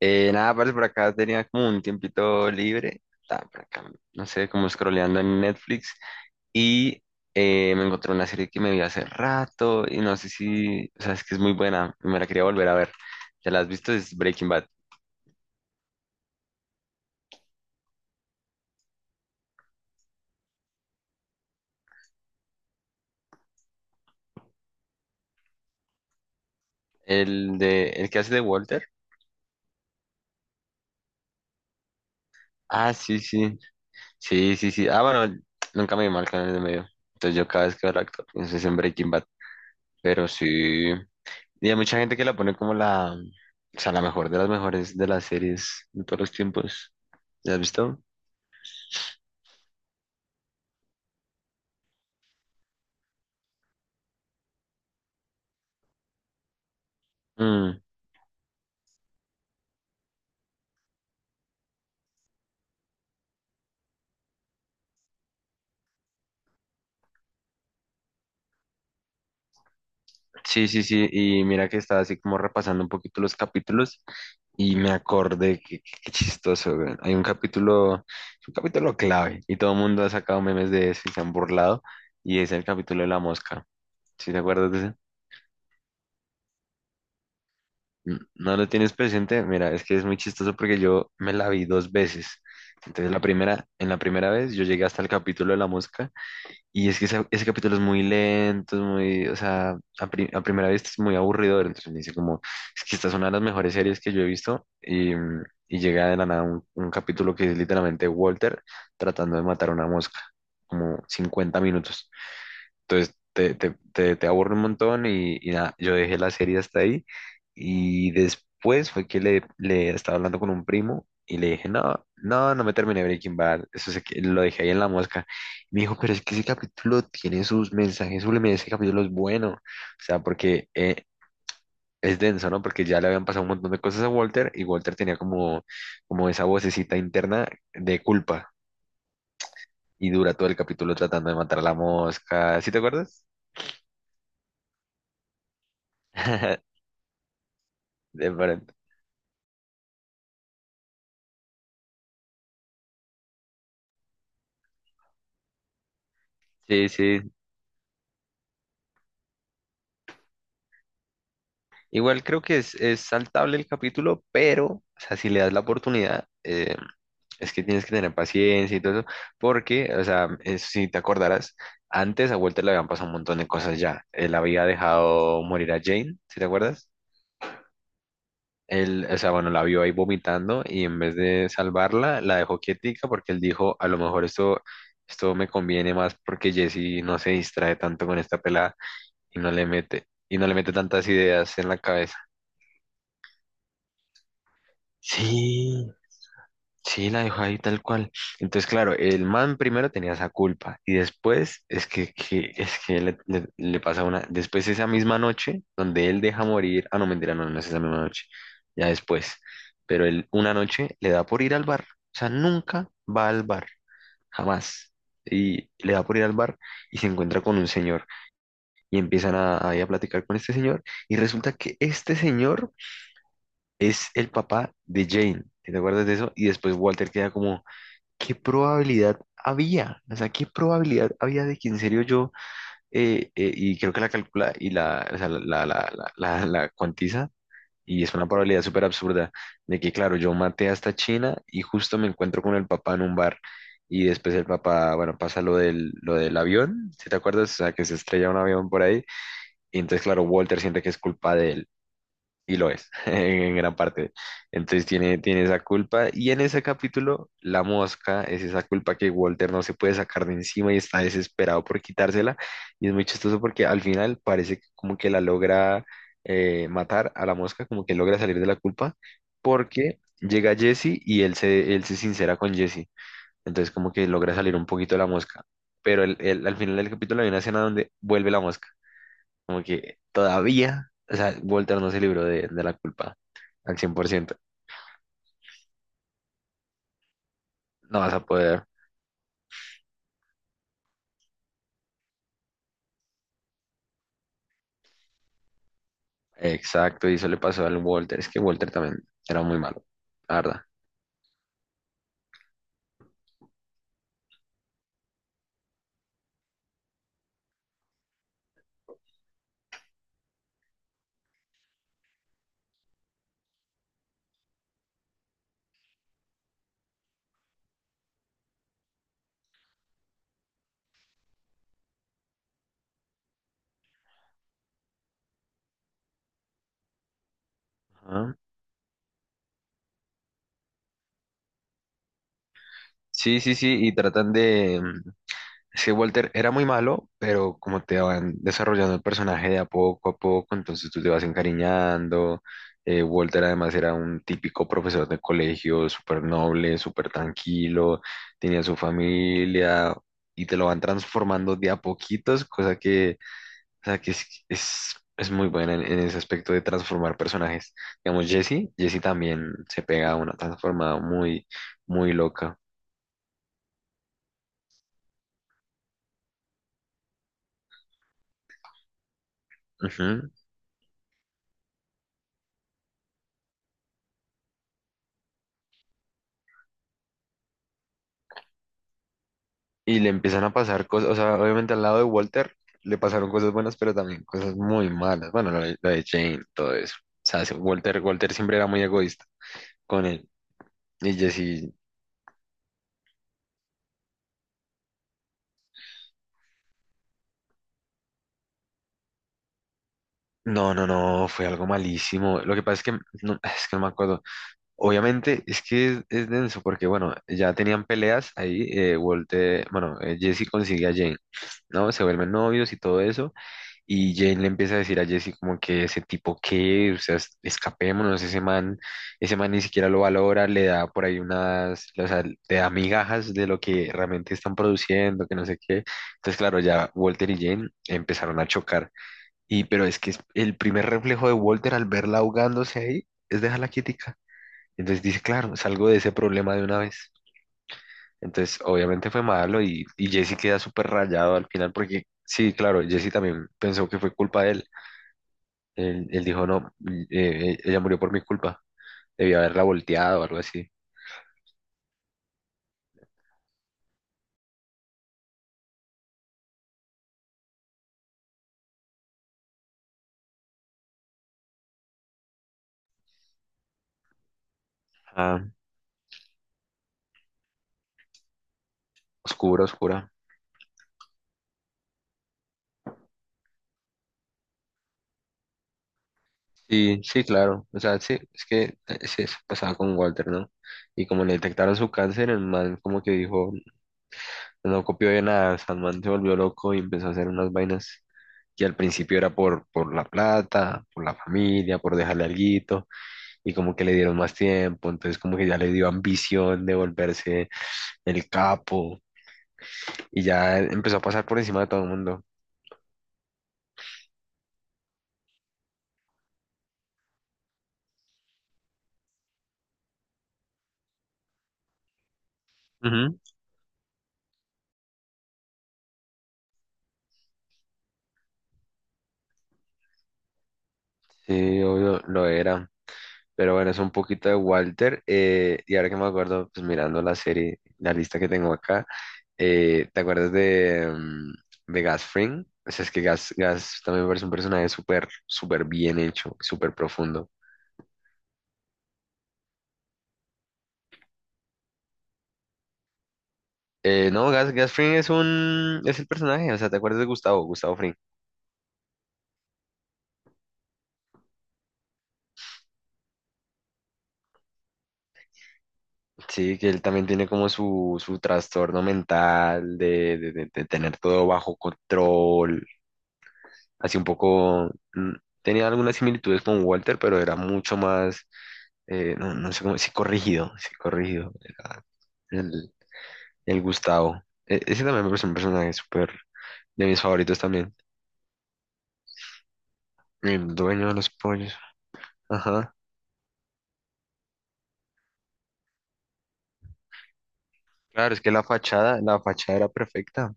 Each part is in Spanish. Nada, parce, por acá tenía como un tiempito libre, estaba por acá, no sé, como scrolleando en Netflix y me encontré una serie que me vi hace rato y no sé si, o sea, es que es muy buena, y me la quería volver a ver. ¿Ya la has visto? Es Breaking Bad. El que hace de Walter. Ah, sí, sí, sí, sí, sí. Ah, bueno, nunca me vi mal canal de medio. Entonces yo cada vez que veo al actor, pienso es en Breaking Bad, pero sí. Y hay mucha gente que la pone como la, o sea, la mejor de las mejores de las series de todos los tiempos. ¿Ya has visto? Mm, sí, sí, sí. Y mira que estaba así como repasando un poquito los capítulos y me acordé que qué chistoso, güey. Hay un capítulo clave y todo el mundo ha sacado memes de eso y se han burlado y es el capítulo de la mosca. ¿Sí te acuerdas de ese? ¿No lo tienes presente? Mira, es que es muy chistoso porque yo me la vi dos veces. Entonces en la primera vez yo llegué hasta el capítulo de la mosca. Y es que ese capítulo es muy lento, es muy, o sea, a primera vista es muy aburridor. Entonces me dice como, es que esta es una de las mejores series que yo he visto. Y llega de la nada un, capítulo que es literalmente Walter tratando de matar a una mosca, como 50 minutos. Entonces te aburre un montón y nada, yo dejé la serie hasta ahí y después fue que le estaba hablando con un primo y le dije, no, no, no me terminé Breaking Bad, eso lo dejé ahí en la mosca. Y me dijo, pero es que ese capítulo tiene sus mensajes subliminales, ese capítulo es bueno, o sea, porque es denso, ¿no? Porque ya le habían pasado un montón de cosas a Walter y Walter tenía como esa vocecita interna de culpa. Y dura todo el capítulo tratando de matar a la mosca. ¿Sí te acuerdas? De verdad. Sí, sí. Igual creo que es saltable el capítulo, pero, o sea, si le das la oportunidad, es que tienes que tener paciencia y todo eso, porque, o sea, es- si te acordarás, antes a Walter le habían pasado un montón de cosas ya. Él había dejado morir a Jane, ¿si te acuerdas? Él, o sea, bueno, la vio ahí vomitando y en vez de salvarla, la dejó quietica porque él dijo, a lo mejor esto me conviene más porque Jesse no se distrae tanto con esta pelada y no le mete, y no le mete tantas ideas en la cabeza. Sí, sí, la dejó ahí tal cual. Entonces, claro, el man primero tenía esa culpa y después es que, es que le pasa una, después esa misma noche donde él deja morir, ah, no, mentira, no, no es esa misma noche, ya después, pero él una noche le da por ir al bar, o sea, nunca va al bar, jamás. Y le da por ir al bar y se encuentra con un señor y empiezan a, ahí a platicar con este señor y resulta que este señor es el papá de Jane, ¿te acuerdas de eso? Y después Walter queda como, ¿qué probabilidad había? O sea, ¿qué probabilidad había de que en serio yo, y creo que la calcula y la, o sea, la, la cuantiza, y es una probabilidad súper absurda, de que, claro, yo maté a esta china y justo me encuentro con el papá en un bar. Y después el papá, bueno, pasa lo del, avión, ¿si te acuerdas? O sea, que se estrella un avión por ahí. Y entonces, claro, Walter siente que es culpa de él y lo es, en gran parte. Entonces tiene, tiene esa culpa. Y en ese capítulo, la mosca es esa culpa que Walter no se puede sacar de encima y está desesperado por quitársela. Y es muy chistoso porque al final parece que como que la logra matar a la mosca, como que logra salir de la culpa, porque llega Jesse y él se sincera con Jesse. Entonces como que logra salir un poquito de la mosca. Pero al final del capítulo hay una escena donde vuelve la mosca como que todavía, o sea, Voltaire no se libró de, la culpa al 100%. No vas a poder. Exacto, y eso le pasó al Walter. Es que Walter también era muy malo, la verdad. Ajá. Sí, sí, sí, sí, Walter era muy malo, pero como te van desarrollando el personaje de a poco, entonces tú te vas encariñando. Walter además era un típico profesor de colegio, súper noble, súper tranquilo, tenía su familia y te lo van transformando de a poquitos, cosa que, o sea, que es muy buena en, ese aspecto de transformar personajes. Digamos, Jesse, Jesse también se pega a una transformada muy, muy loca. Ujú. Y le empiezan a pasar cosas, o sea, obviamente al lado de Walter le pasaron cosas buenas, pero también cosas muy malas. Bueno, la de Jane, todo eso. O sea, se- Walter, Walter siempre era muy egoísta con él. Y Jesse, no, no, no, fue algo malísimo. Lo que pasa es que no, es que no me acuerdo. Obviamente es que es denso porque, bueno, ya tenían peleas ahí. Walter, bueno, Jesse consigue a Jane, ¿no? Se vuelven novios y todo eso. Y Jane le empieza a decir a Jesse como que ese tipo qué, o sea, escapémonos, ese man ni siquiera lo valora, le da por ahí unas, o sea, le da migajas de lo que realmente están produciendo, que no sé qué. Entonces, claro, ya Walter y Jane empezaron a chocar. Y, pero es que el primer reflejo de Walter al verla ahogándose ahí es dejarla quietica. Entonces dice, claro, salgo de ese problema de una vez. Entonces, obviamente fue malo y Jesse queda súper rayado al final porque, sí, claro, Jesse también pensó que fue culpa de él. Él dijo, no, ella murió por mi culpa. Debía haberla volteado o algo así. Ah, oscura, oscura. Sí, sí, claro. O sea, sí, es que sí, eso pasaba con Walter, ¿no? Y como le detectaron su cáncer, el man como que dijo, no copió de nada. O sea, el man se volvió loco y empezó a hacer unas vainas que al principio era por, la plata, por la familia, por dejarle alguito, y como que le dieron más tiempo, entonces como que ya le dio ambición de volverse el capo, y ya empezó a pasar por encima de todo el mundo. Ujú. Sí, obvio, lo era. Pero bueno, es un poquito de Walter. Y ahora que me acuerdo, pues mirando la serie, la lista que tengo acá, ¿te acuerdas de, de Gus Fring? O sea, es que Gas Gas también me parece un personaje súper, súper bien hecho, súper profundo. No, Gas Gas Fring es el personaje, o sea, ¿te acuerdas de Gustavo, Gustavo Fring? Sí, que él también tiene como su trastorno mental de, de tener todo bajo control así un poco, mm, tenía algunas similitudes con Walter, pero era mucho más, no, no sé cómo, sí corrigido era el, el Gustavo. Ese también me parece un personaje súper, de mis favoritos también, el dueño de los pollos, ajá. Claro, es que la fachada era perfecta.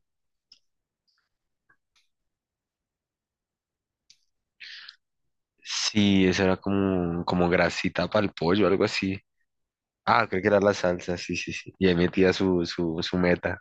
Sí, esa era como grasita para el pollo, algo así. Ah, creo que era la salsa, sí, sí, sí. Y ahí metía su, su meta.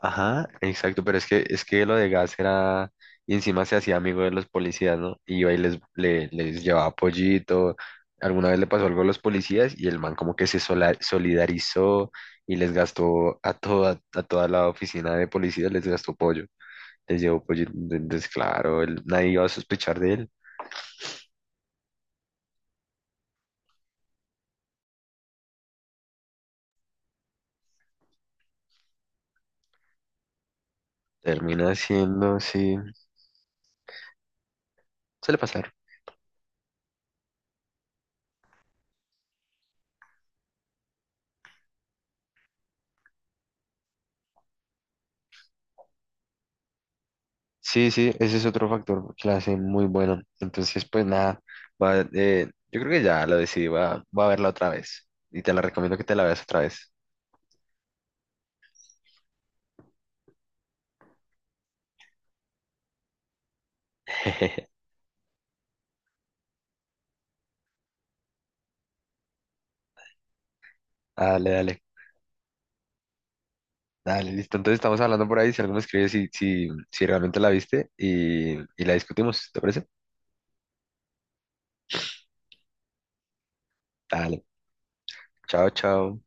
Ajá, exacto, pero es que, lo de gas era, y encima se hacía amigo de los policías, ¿no? Y iba y les llevaba pollito, alguna vez le pasó algo a los policías y el man como que se solidarizó y les gastó a toda la oficina de policías, les gastó pollo, les llevó pollito, entonces claro, nadie iba a sospechar de él, termina siendo, sí, suele pasar. Sí, sí, ese es otro factor que la hace muy buena. Entonces, pues nada, va, yo creo que ya lo decidí, va, va a verla otra vez. Y te la recomiendo que te la veas otra vez. Dale, dale, dale, listo. Entonces estamos hablando por ahí, si alguno escribe si realmente la viste y la discutimos, ¿te parece? Dale, chao, chao.